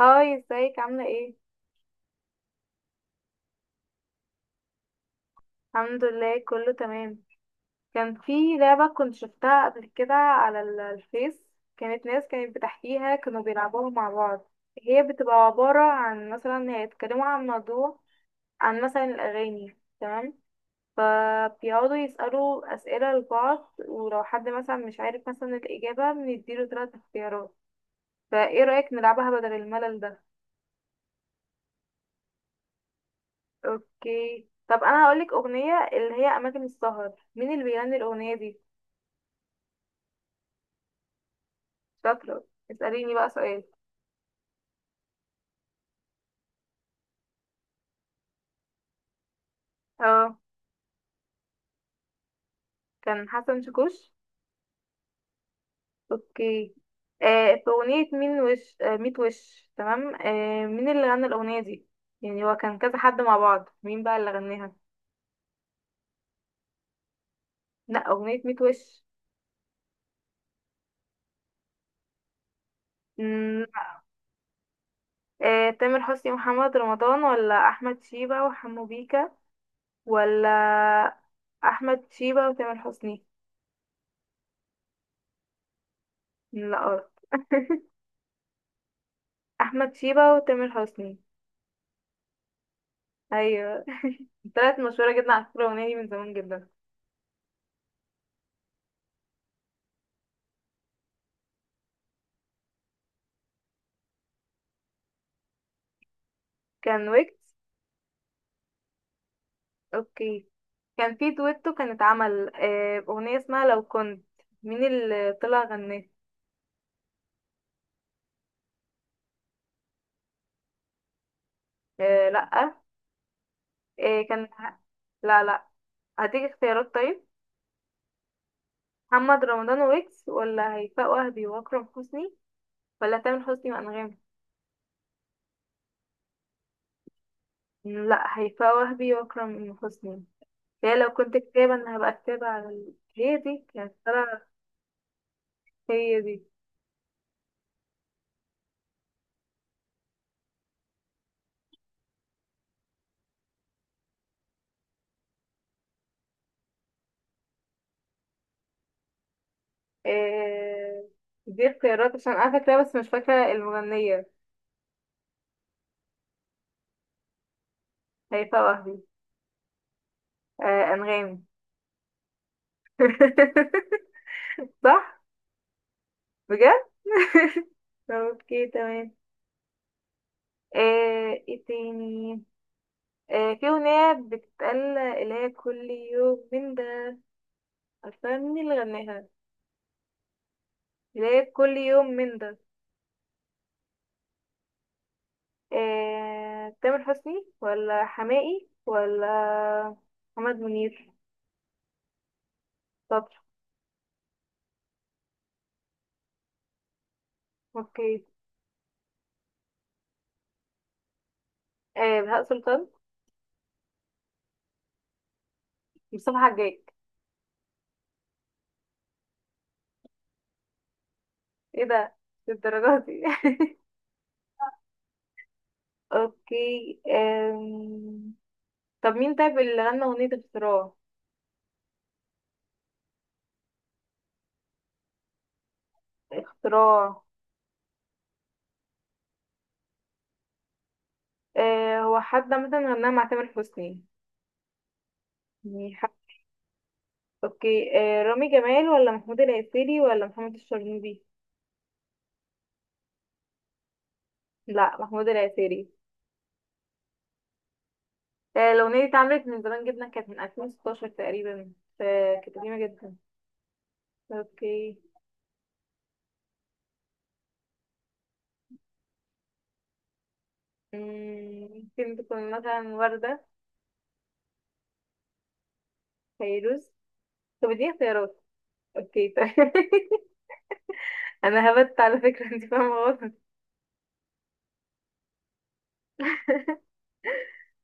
هاي، ازيك؟ عاملة ايه؟ الحمد لله كله تمام. كان في لعبة كنت شفتها قبل كده على الفيس. كانت ناس كانت بتحكيها، كانوا بيلعبوها مع بعض. هي بتبقى عبارة عن مثلا هيتكلموا عن موضوع، عن مثلا الأغاني، تمام؟ فبيقعدوا يسألوا أسئلة لبعض، ولو حد مثلا مش عارف مثلا الإجابة بنديله تلات اختيارات. فايه رأيك نلعبها بدل الملل ده؟ اوكي، طب انا هقولك أغنية اللي هي أماكن السهر، مين اللي بيغني الأغنية دي؟ شاطرة. اسأليني بقى سؤال. اه، كان حسن شاكوش. اوكي. في أغنية مين وش، ميت وش، تمام، مين اللي غنى الأغنية دي؟ يعني هو كان كذا حد مع بعض، مين بقى اللي غناها؟ لا، أغنية ميت وش. مم، آه، تامر حسني ومحمد رمضان، ولا أحمد شيبة وحمو بيكا، ولا أحمد شيبة وتامر حسني؟ لا، غلط أحمد شيبة وتامر حسني. أيوة. طلعت مشهورة جدا على فكرة الأغنية دي، من زمان جدا. كان ويجز. اوكي. كان في دويتو كان اتعمل اغنية اسمها لو كنت، مين اللي طلع غناه؟ لأ. كان. لا لا. هديك اختيارات طيب. محمد رمضان ويكس، ولا هيفاء وهبي واكرم حسني، ولا تامر حسني وانغام؟ لا، هيفاء وهبي واكرم حسني. هي لو كنت كتابة انا هبقى كتابة على هي دي كانت طالعة. هي دي. آه، دي اختيارات عشان انا فاكرة بس مش فاكرة المغنية. هيفاء وهبي. انغام. صح. بجد اوكي تمام. ايه تاني؟ في اغنية بتتقال اللي هي كل يوم من ده، عارفة مين اللي غناها؟ اللي هي كل يوم من ده. تامر حسني ولا حماقي ولا محمد منير؟ شاطر. اوكي آه، بهاء سلطان مصطفى حجاج ايه ده للدرجة دي اوكي. طب مين طيب اللي غنى اغنية اختراع؟ اختراع. هو حد مثلا غناها مع تامر حسني، يعني حد. اوكي، آه، رامي جمال ولا محمود العسيلي ولا محمد الشرنوبي؟ لا، محمود العسيلي. آه، الأغنية دي اتعملت من زمان جدا، كانت من 2016 تقريبا، فكانت قديمة جدا. اوكي. مم، ممكن تكون مثلا وردة. فيروز. طب دي اختيارات. اوكي طيب انا هبت على فكرة، انت فاهمة غلط.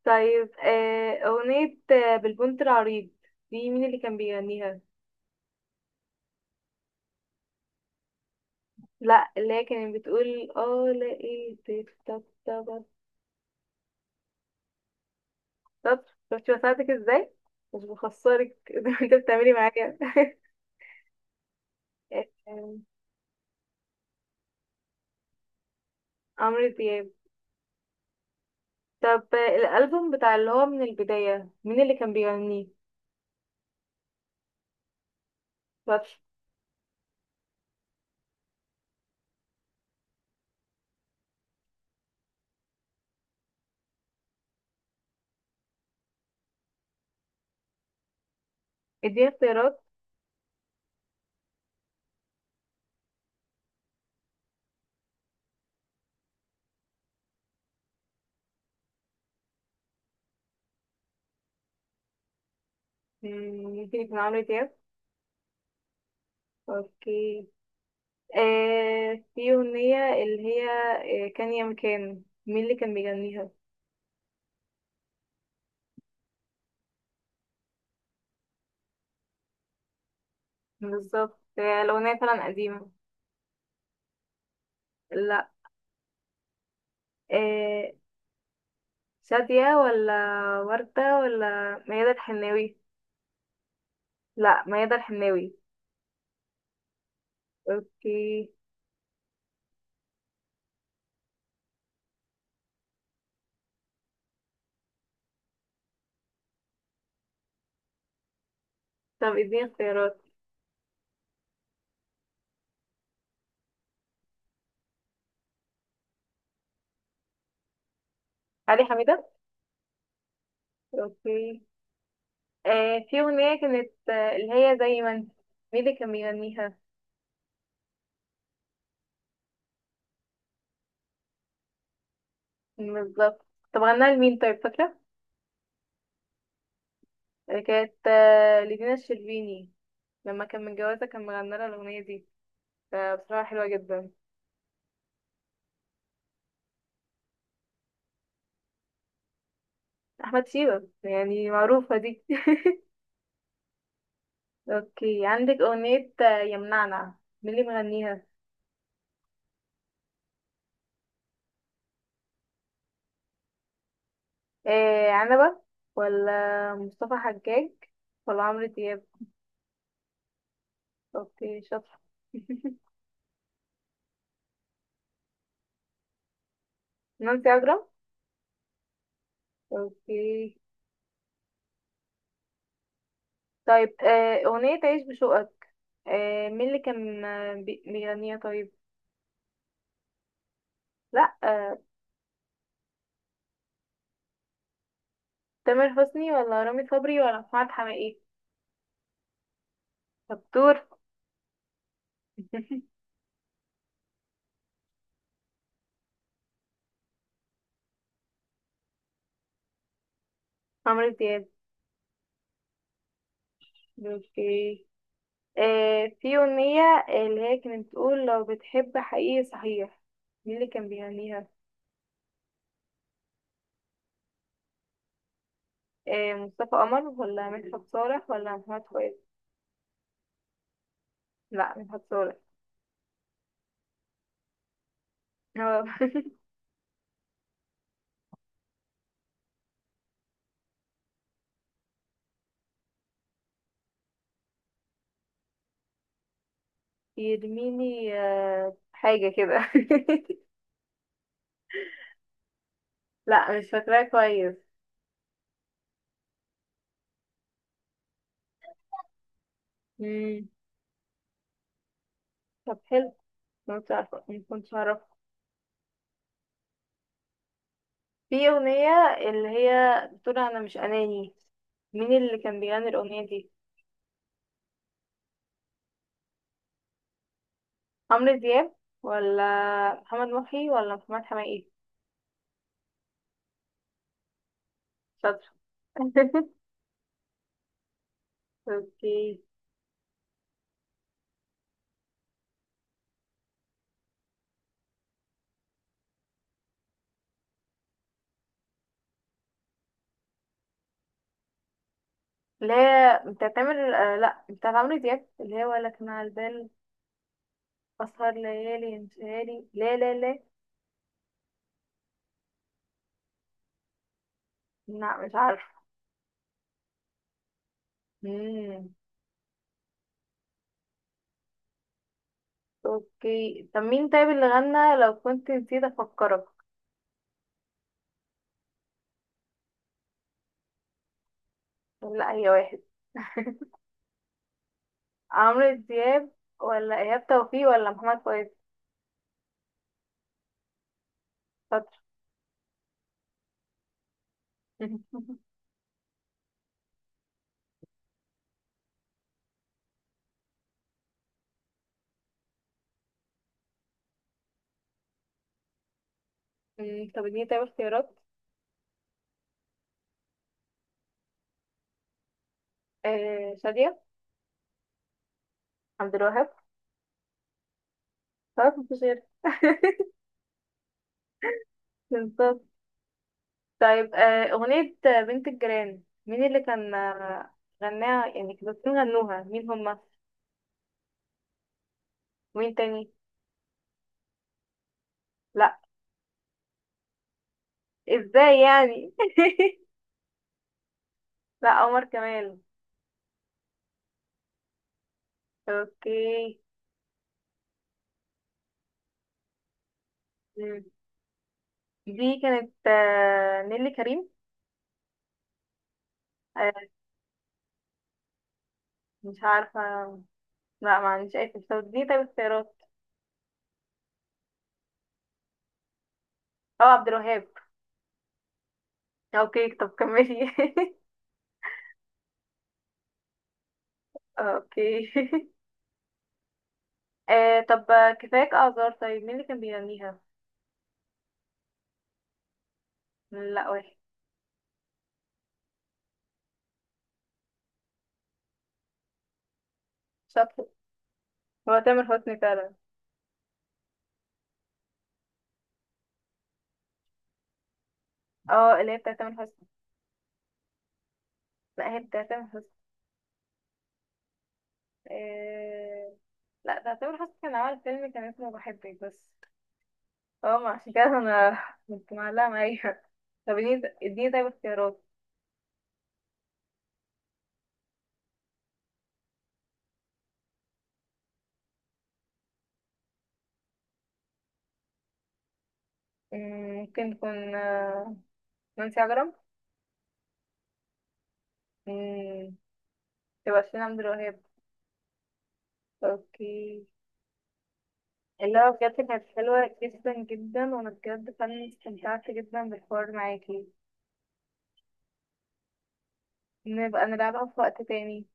طيب، أغنية بالبنت العريض، دي مين اللي كان بيغنيها؟ لا، اللي هي كانت بتقول اه لقيتك، طب طب طب. شفتي بساعدك ازاي؟ مش بخسرك زي ما انت بتعملي معايا. عمرو دياب. طب الألبوم بتاع اللي هو من البداية، مين اللي كان بيغنيه؟ بس. اديني اختيارات. ممكن يكون عمرو دياب. اوكي. في أغنية اللي هي كان يا مكان، مين اللي كان بيغنيها؟ بالظبط، الأغنية فعلا قديمة. لا. آه، شادية ولا وردة ولا ميادة الحناوي؟ لا، ميادة الحناوي. اوكي. طب اديني اختيارات. علي حميدة. اوكي. في اغنية كانت، اللي هي زي ما انت، مين اللي كان بيغنيها؟ بالظبط. طب غناها لمين طيب، فاكرة؟ كانت لدينا الشربيني، لما كان متجوزها كان مغنى لها الأغنية دي، فبصراحة حلوة جدا. أحمد شيبة، يعني معروفة دي اوكي، عندك أغنية يمنعنا، مين اللي مغنيها؟ إيه عنبة، ولا مصطفى حجاج، ولا عمرو دياب؟ اوكي شاطر نانسي عجرم. اوكي. طيب أغنية عيش بشوقك، مين اللي كان بيغنيها طيب؟ لا. تامر حسني، ولا رامي صبري، ولا محمد حماقي؟ شطور عمرو دياب. اوكي. في أغنية اللي هي كانت بتقول لو بتحب حقيقي صحيح، مين اللي كان بيغنيها؟ إيه، مصطفى قمر ولا مدحت صالح ولا محمد فؤاد؟ لا، مدحت صالح. هو. يرميني حاجة كده لا مش فاكراه كويس. مم. طب حلو، ما كنتش عارفة، ما كنتش أعرفه. في أغنية اللي هي بتقول أنا مش أناني، مين اللي كان بيغني الأغنية دي؟ عمرو دياب، ولا محمد محي، ولا محمد حماقي؟ شاطر اوكي. اللي هي بتاعت عمرو، لا بتاعت عمرو دياب، اللي هي ولا كان على البال. أسهر ليالي انتهالي، لا لا لا. لا مش عارفة. مم. اوكي. طب مين طيب اللي غنى لو كنت نسيت أفكرك؟ لا، هي واحد. عمرو دياب، ولا إيهاب توفيق، ولا محمد فؤاد؟ شاطر طب اديني طيب اختيارات. آه، شادية. عبد الوهاب. خلاص مفيش غير بالظبط. طيب، أغنية بنت الجيران، مين اللي كان غناها؟ يعني كانوا الاتنين غنوها، مين هما؟ ومين تاني؟ لا. ازاي يعني؟ لا، عمر كمال. اوكي. مم. دي كانت نيلي كريم. آه، مش عارفة. لا ما عنديش اي فكرة، دي طيب اختيارات. اه، عبد الوهاب. اوكي طب كملي. اوكي طب، كفاية اعذار. طيب مين اللي كان بيغنيها؟ لا، واحد. شاطر. هو تامر حسني فعلا. اه، اللي هي بتاعت تامر حسني. لا هي بتاعت تامر حسني. آه، لا، ده تامر حسني كان عمل فيلم كان اسمه بحبك بس. اه ما عشان كده انا كنت معلقة معايا. طب اديني طيب اختيارات. مم، ممكن تكون نانسي عجرم. مم، تبقى شيرين عبد الوهاب. اوكي. اللي هو بجد كانت حلوة جدا جدا، وانا بجد فعلا استمتعت جدا بالحوار معاكي. نبقى نلعبها في وقت تاني.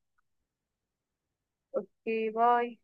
اوكي، باي.